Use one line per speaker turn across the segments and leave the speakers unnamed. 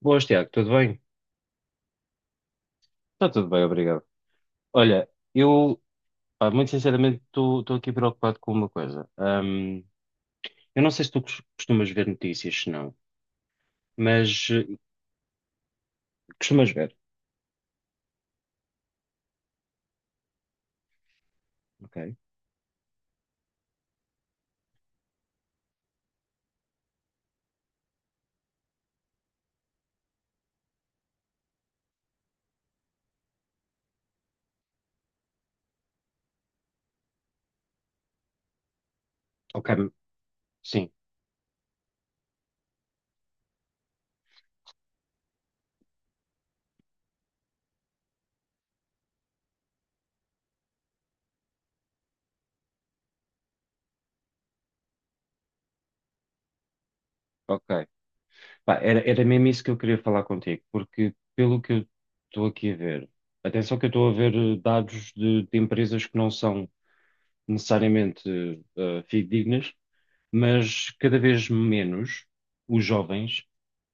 Boas, Tiago, tudo bem? Está tudo bem, obrigado. Olha, eu, pá, muito sinceramente, estou aqui preocupado com uma coisa. Eu não sei se tu costumas ver notícias, se não, mas costumas ver, ok? Ok. Sim, ok. Pá, era mesmo isso que eu queria falar contigo, porque pelo que eu estou aqui a ver, atenção que eu estou a ver dados de empresas que não são necessariamente fidedignas, mas cada vez menos os jovens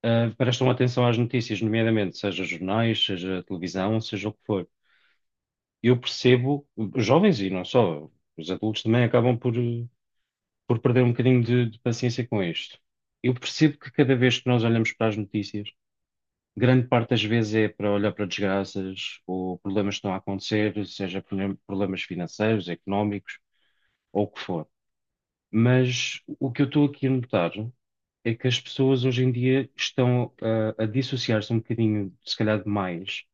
prestam atenção às notícias, nomeadamente seja jornais, seja televisão, seja o que for. Eu percebo, os jovens e não só, os adultos também acabam por perder um bocadinho de paciência com isto. Eu percebo que cada vez que nós olhamos para as notícias, grande parte das vezes é para olhar para desgraças ou problemas que estão a acontecer, seja problemas financeiros, económicos ou o que for. Mas o que eu estou aqui a notar é que as pessoas hoje em dia estão a dissociar-se um bocadinho, se calhar demais,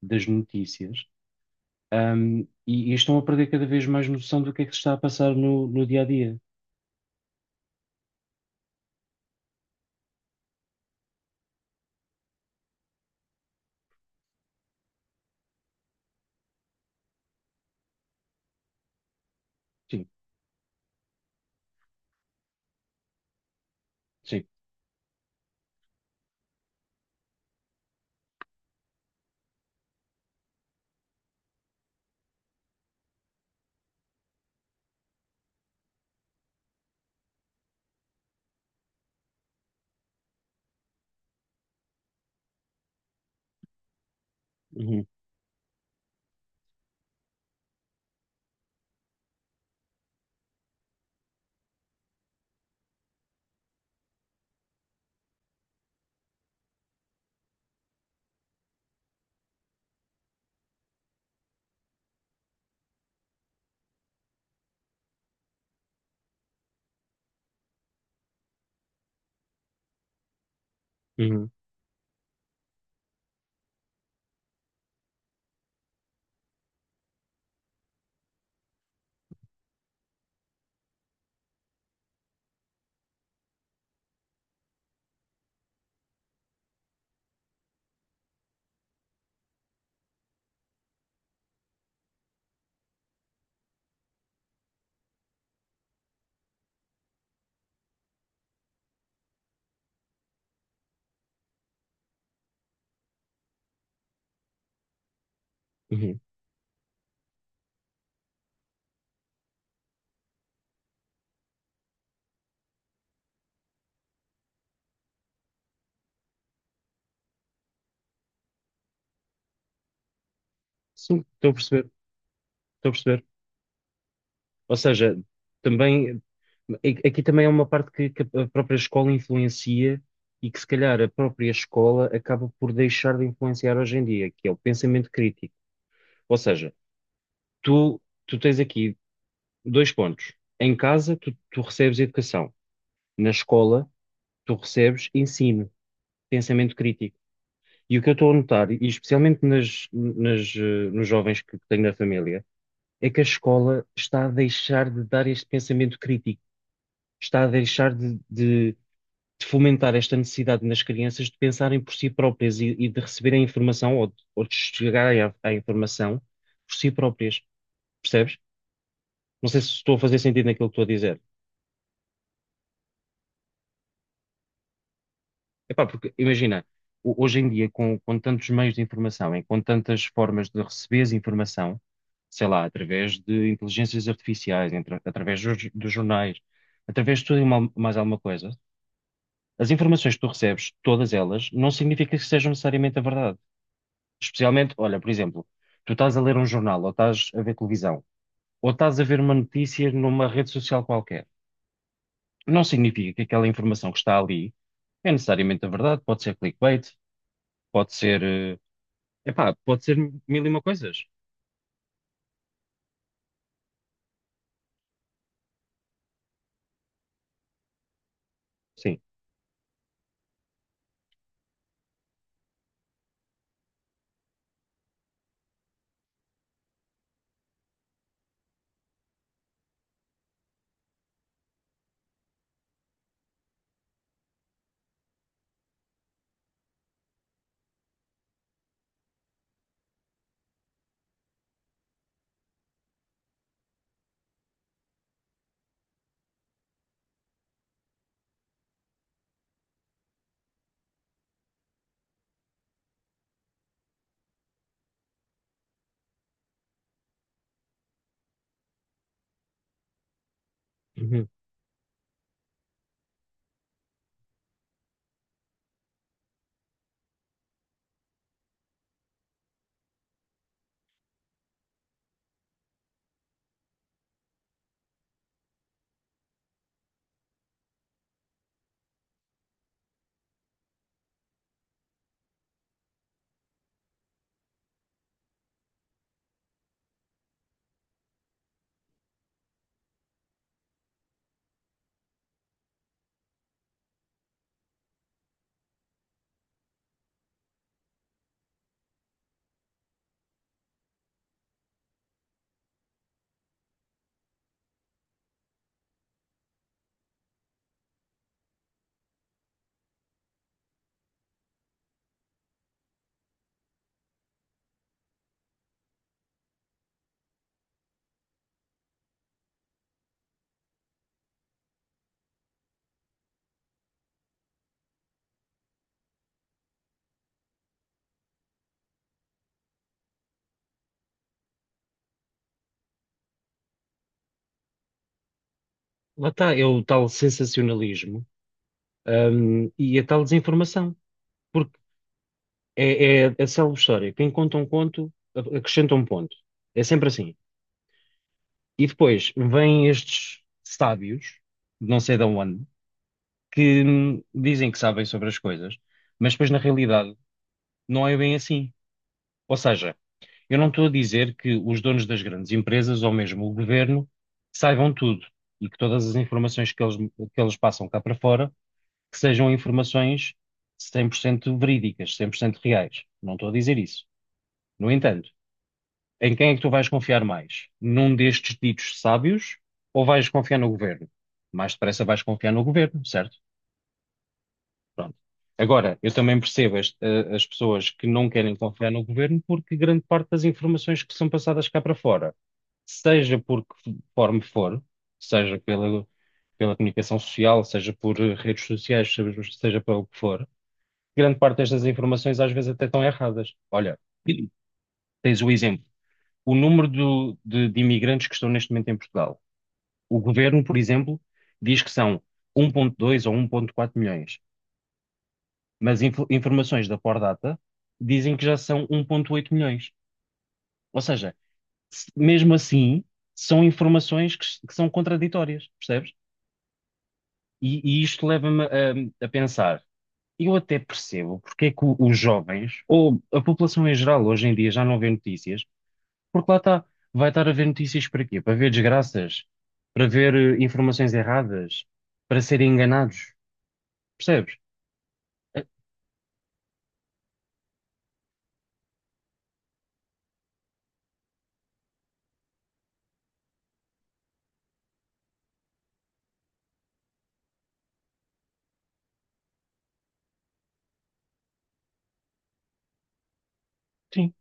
das notícias, e estão a perder cada vez mais noção do que é que se está a passar no dia a dia. Sim, sim. Uhum, uhum, uhum. Sim, estou a perceber, estou a perceber. Ou seja, também, aqui também é uma parte que a própria escola influencia e que se calhar a própria escola acaba por deixar de influenciar hoje em dia, que é o pensamento crítico. Ou seja, Tu, tu tens aqui dois pontos. Em casa, tu recebes educação. Na escola, tu recebes ensino, pensamento crítico. E o que eu estou a notar, e especialmente nas, nos jovens que tenho na família, é que a escola está a deixar de dar este pensamento crítico, está a deixar de fomentar esta necessidade nas crianças de pensarem por si próprias e de receberem informação ou de chegarem à informação por si próprias. Percebes? Não sei se estou a fazer sentido naquilo que estou a dizer. Epá, porque imagina, hoje em dia, com tantos meios de informação e com tantas formas de receberes informação, sei lá, através de inteligências artificiais, através dos jornais, através de tudo e mais alguma coisa, as informações que tu recebes, todas elas, não significa que sejam necessariamente a verdade. Especialmente, olha, por exemplo, tu estás a ler um jornal, ou estás a ver televisão, ou estás a ver uma notícia numa rede social qualquer. Não significa que aquela informação que está ali é necessariamente a verdade, pode ser clickbait, pode ser, pode ser mil e uma coisas. Sim. Uhum. Lá está, é o tal sensacionalismo, e a tal desinformação. Porque é a célebre história. Quem conta um conto, acrescenta um ponto. É sempre assim. E depois vêm estes sábios, não sei de onde, que dizem que sabem sobre as coisas, mas depois na realidade não é bem assim. Ou seja, eu não estou a dizer que os donos das grandes empresas ou mesmo o governo saibam tudo e que todas as informações que eles, passam cá para fora que sejam informações 100% verídicas, 100% reais. Não estou a dizer isso. No entanto, em quem é que tu vais confiar mais? Num destes ditos sábios ou vais confiar no governo? Mais depressa vais confiar no governo, certo? Pronto. Agora, eu também percebo as pessoas que não querem confiar no governo porque grande parte das informações que são passadas cá para fora seja por que forma for, seja pela comunicação social, seja por redes sociais, seja pelo que for, grande parte destas informações às vezes até estão erradas. Olha, tens o exemplo, o número de imigrantes que estão neste momento em Portugal. O governo, por exemplo, diz que são 1,2 ou 1,4 milhões, mas informações da Pordata dizem que já são 1,8 milhões. Ou seja, mesmo assim, são informações que são contraditórias, percebes? E e isto leva-me a pensar, eu até percebo porque é que os jovens, ou a população em geral, hoje em dia já não vê notícias, porque lá está, vai estar a ver notícias para quê? Para ver desgraças, para ver informações erradas, para serem enganados, percebes? Eh, Sim.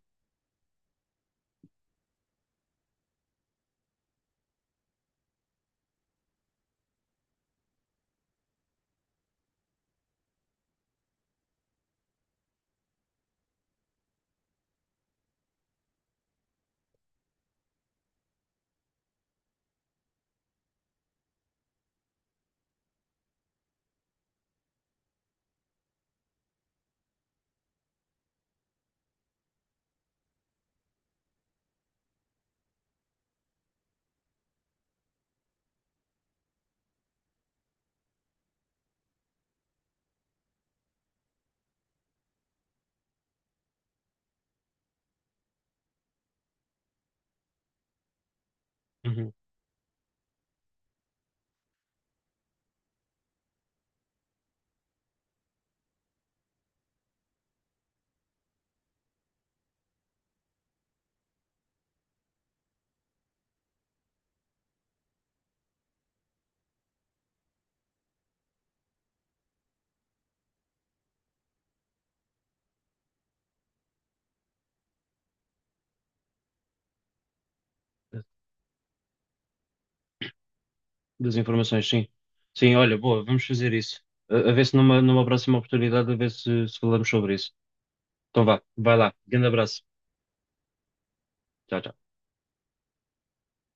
Uhum. Das informações, sim. Sim, olha, boa, vamos fazer isso. A a ver se numa próxima oportunidade, a ver se falamos sobre isso. Então vá, vai lá, grande abraço. Tchau, tchau.